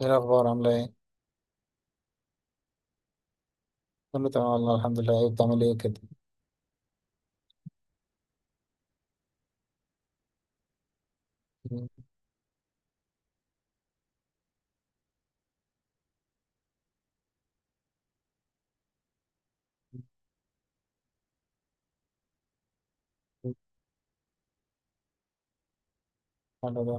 ايه الاخبار؟ عامله ايه؟ كله تمام والله، الحمد لله. ايه بتعمل ايه كده؟ مم. حلو ده.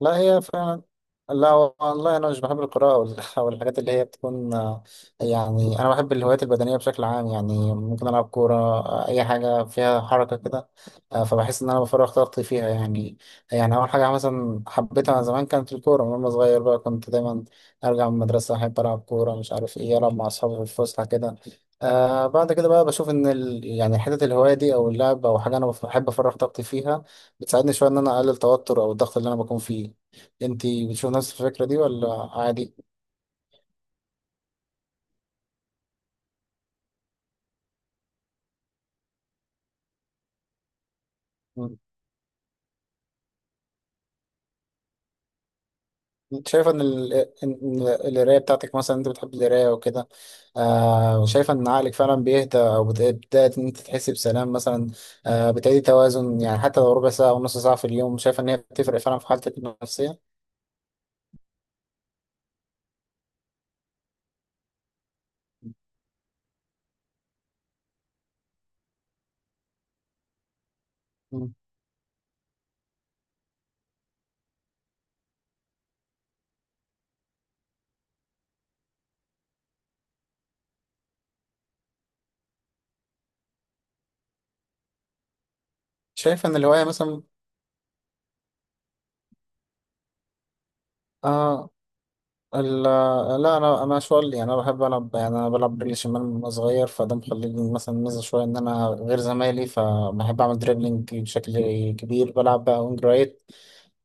لا، هي فعلا. لا والله، انا مش بحب القراءه او الحاجات اللي هي بتكون، يعني انا بحب الهوايات البدنيه بشكل عام. يعني ممكن العب كوره، اي حاجه فيها حركه كده. فبحس ان انا بفرغ طاقتي فيها، يعني. يعني اول حاجه مثلا حبيتها زمان كانت الكوره، من وانا صغير بقى كنت دايما ارجع من المدرسه، احب العب كوره مش عارف ايه، العب مع اصحابي في الفسحه كده. بعد كده بقى بشوف ان ال... يعني حته الهوايه دي او اللعب او حاجه، انا بحب افرغ طاقتي فيها، بتساعدني شويه ان انا اقلل التوتر او الضغط اللي انا بكون فيه. انت بتشوف نفس الفكرة دي ولا عادي؟ مم. انت شايفة ان ان القراية بتاعتك، مثلا انت بتحب القراية وكده، وشايفة ان عقلك فعلا بيهدى او بتبدأ ان انت تحس بسلام مثلا، بتعيدي توازن. يعني حتى لو ربع ساعة او نص ساعة في اليوم، شايفة ان هي بتفرق فعلا في حالتك النفسية؟ مم. شايفة ان الهواية مثلا. اه ال- لا، انا شوال. يعني انا بحب العب، يعني انا بلعب رجلي شمال من وأنا صغير، فده مخليني مثلا ميزه شويه ان انا غير زمايلي، فبحب اعمل دريبلينج بشكل كبير، بلعب بقى وينج رايت،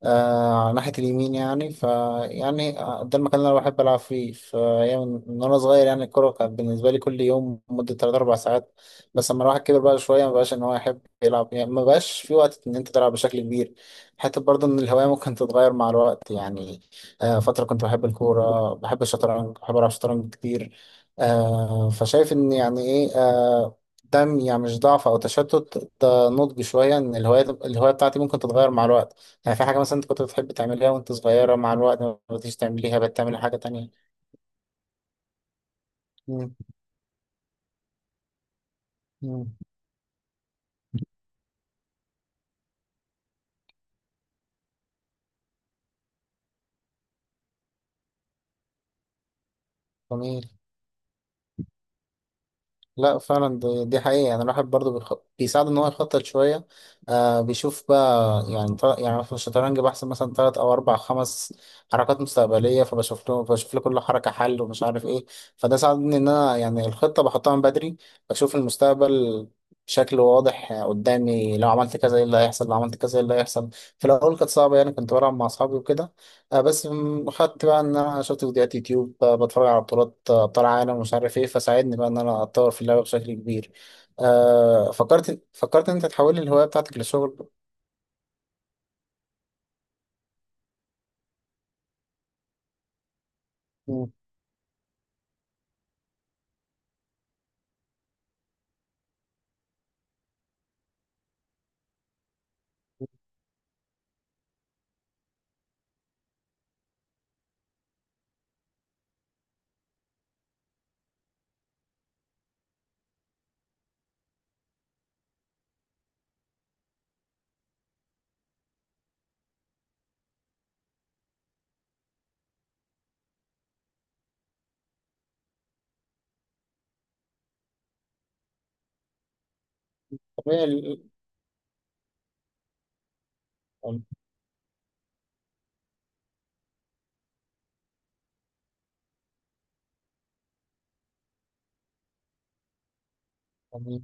على ناحية اليمين. يعني ف يعني آه، ده المكان اللي أنا بحب ألعب فيه، فأيام من وأنا صغير، يعني الكورة كانت بالنسبة لي كل يوم مدة 3 أو 4 ساعات. بس لما الواحد كبر بقى شوية، مبقاش إن هو يحب يلعب، يعني مبقاش في وقت إن أنت تلعب بشكل كبير. حتى برضه إن الهواية ممكن تتغير مع الوقت، يعني فترة كنت بحب الكورة، بحب الشطرنج، بحب ألعب شطرنج كتير. آه فشايف إن يعني إيه آه ده يعني مش ضعف أو تشتت، ده نضج شوية، إن الهواية بتاعتي ممكن تتغير مع الوقت. يعني في حاجة مثلا أنت كنت بتحب تعمليها وأنت صغيرة، مع الوقت ما بقيتيش تعمليها، بقت تعملي حاجة تانية. مم. مم. جميل. لا فعلا، دي حقيقة. يعني الواحد برضه بيساعد إن هو يخطط شوية. بيشوف بقى، يعني في الشطرنج بحسب مثلا 3 أو 4 أو 5 حركات مستقبلية، فبشوف له بشوف لكل حركة حل ومش عارف إيه. فده ساعدني إن أنا يعني الخطة بحطها من بدري، بشوف المستقبل بشكل واضح قدامي، لو عملت كذا إيه اللي هيحصل، لو عملت كذا إيه اللي هيحصل. في الأول كانت صعبة، يعني كنت بلعب مع أصحابي وكده. بس خدت بقى ان انا شفت فيديوهات يوتيوب، بتفرج على بطولات، ابطال عالم ومش عارف ايه، فساعدني بقى ان انا اتطور في اللعبه بشكل كبير. فكرت ان انت تحول الهوايه بتاعتك لشغل. مم. طبيعي ال- ال- يعني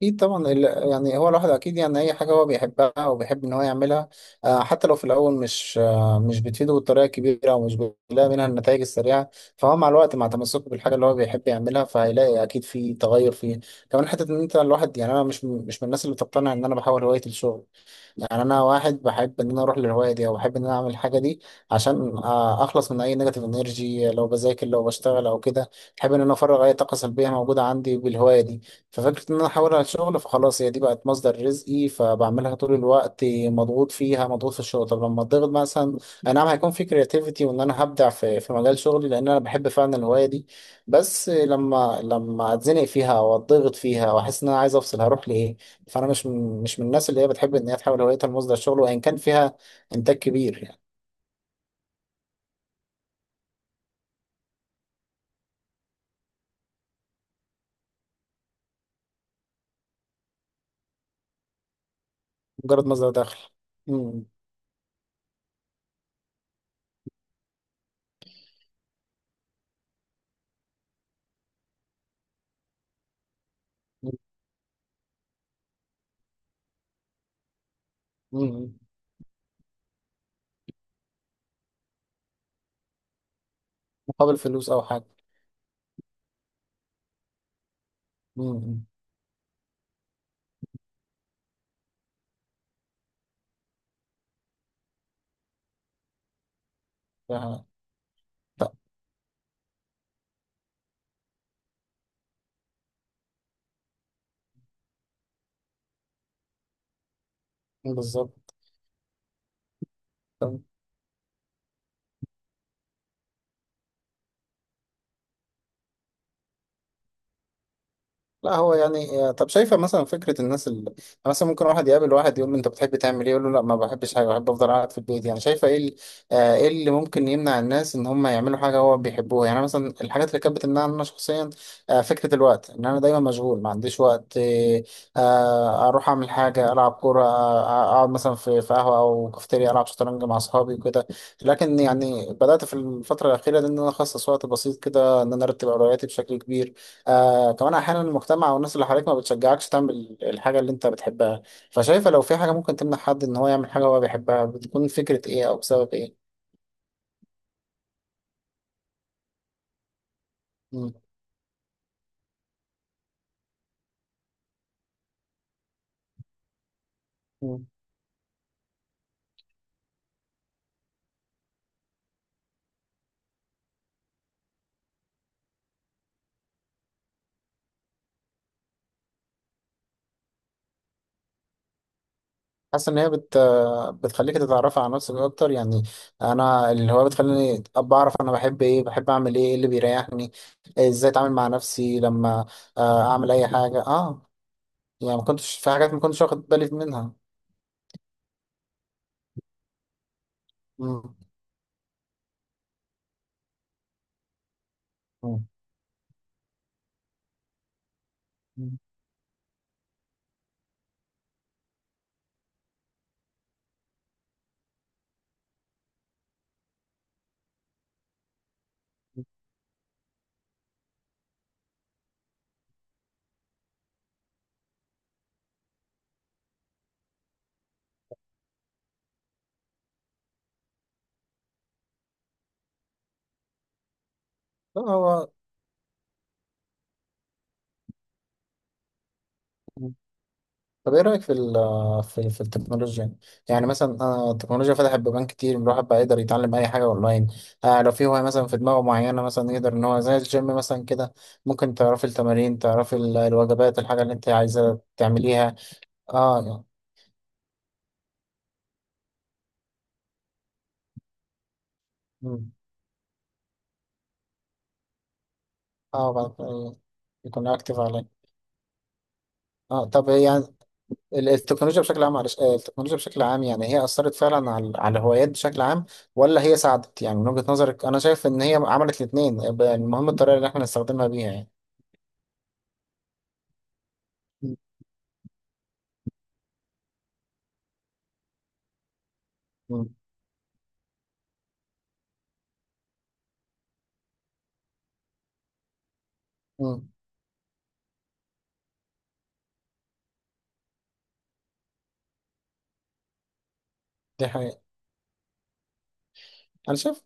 اكيد طبعا ال- يعني هو الواحد اكيد، يعني اي حاجه هو بيحبها او بيحب ان هو يعملها، حتى لو في الاول مش بتفيده بالطريقه الكبيره او مش بيلاقي منها النتائج السريعه، فهو مع الوقت، مع تمسكه بالحاجه اللي هو بيحب يعملها، فهيلاقي اكيد في تغير فيه. كمان حته ان انت الواحد، يعني انا مش من الناس اللي بتقتنع ان انا بحول هوايتي للشغل. يعني انا واحد بحب ان انا اروح للهوايه دي او بحب ان انا اعمل الحاجه دي عشان، اخلص من اي نيجاتيف انرجي لو بذاكر، لو بشتغل او كده. بحب ان انا افرغ اي طاقه سلبيه موجوده عندي بالهوايه دي. ففكره ان انا احول على الشغل، فخلاص هي دي بقت مصدر رزقي، فبعملها طول الوقت مضغوط فيها، مضغوط في الشغل. طب لما اتضغط مثلا، اي نعم هيكون في كرياتيفيتي، وان انا هبدع في مجال شغلي لان انا بحب فعلا الهوايه دي، بس لما اتزنق فيها او اتضغط فيها واحس ان انا عايز افصل، هروح لايه؟ فانا مش من الناس اللي هي بتحب ان هي تحاول هوايتها لمصدر شغل، وان كان فيها انتاج كبير، يعني مجرد مصدر دخل. مم. مم. مقابل فلوس او حاجه. مم. ف- ف- بالظبط. لا هو، يعني، طب شايفه مثلا فكره الناس اللي مثلا ممكن واحد يقابل واحد يقول له انت بتحب تعمل ايه، يقول له لا ما بحبش حاجه، بحب افضل قاعد في البيت، يعني شايفه ايه ايه اللي ممكن يمنع الناس ان هم يعملوا حاجه هو بيحبوها؟ يعني مثلا الحاجات اللي كانت بتمنعني انا شخصيا، فكره الوقت، ان انا دايما مشغول ما عنديش وقت، اروح اعمل حاجه، العب كوره، اقعد مثلا في في قهوه او كافيتيريا، العب شطرنج مع اصحابي وكده. لكن يعني بدات في الفتره الاخيره دي ان انا اخصص وقت بسيط كده ان انا ارتب اولوياتي بشكل كبير. كمان احيانا المجتمع والناس اللي حواليك ما بتشجعكش تعمل الحاجه اللي انت بتحبها. فشايفه لو في حاجه ممكن تمنع حد ان هو يعمل حاجه هو بيحبها، بتكون فكره ايه او بسبب ايه؟ مم. مم. حاسس ان هي بتخليك تتعرف على نفسك اكتر، يعني انا اللي هو بتخليني ابقى اعرف انا بحب ايه، بحب اعمل ايه، إيه اللي بيريحني، ازاي اتعامل مع نفسي لما اعمل اي حاجه، يعني ما كنتش في حاجات ما كنتش واخد بالي منها. مم. مم. مم. هو طب ايه رايك في في التكنولوجيا، يعني؟ يعني مثلا، التكنولوجيا فتحت بيبان كتير، الواحد بقى يقدر يتعلم اي حاجه اونلاين. لو في هوايه مثلا في دماغه معينه، مثلا يقدر ان هو زي الجيم مثلا كده، ممكن تعرفي التمارين، تعرفي الوجبات، الحاجه اللي انت عايزه تعمليها. اه يعني- مم. اه بعد- يكون اكتف عليه. اه طب يعني التكنولوجيا بشكل عام، على، التكنولوجيا بشكل عام يعني هي أثرت فعلا على الهوايات بشكل عام، ولا هي ساعدت؟ يعني من وجهة نظرك أنا شايف إن هي عملت الاتنين، المهم الطريقة اللي إحنا نستخدمها بيها، يعني. مم. مم. دي حقيقة. أنا شايف،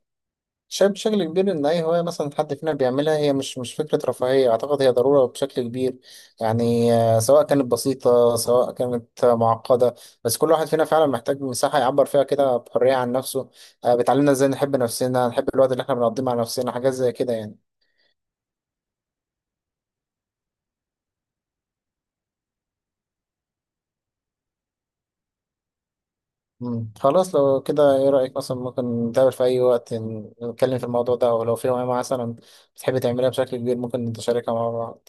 شايف بشكل كبير إن أي هواية مثلا حد فينا بيعملها هي مش فكرة رفاهية، أعتقد هي ضرورة بشكل كبير. يعني، سواء كانت بسيطة، سواء كانت، معقدة، بس كل واحد فينا فعلا محتاج مساحة يعبر فيها كده بحرية عن نفسه، بتعلمنا إزاي نحب نفسنا، نحب الوقت اللي إحنا بنقضيه مع نفسنا، حاجات زي كده، يعني. مم. خلاص، لو كده إيه رأيك مثلا ممكن نتقابل في أي وقت، نتكلم في الموضوع ده، أو لو في هواية مثلا بتحب تعملها بشكل كبير، ممكن نتشاركها مع بعض.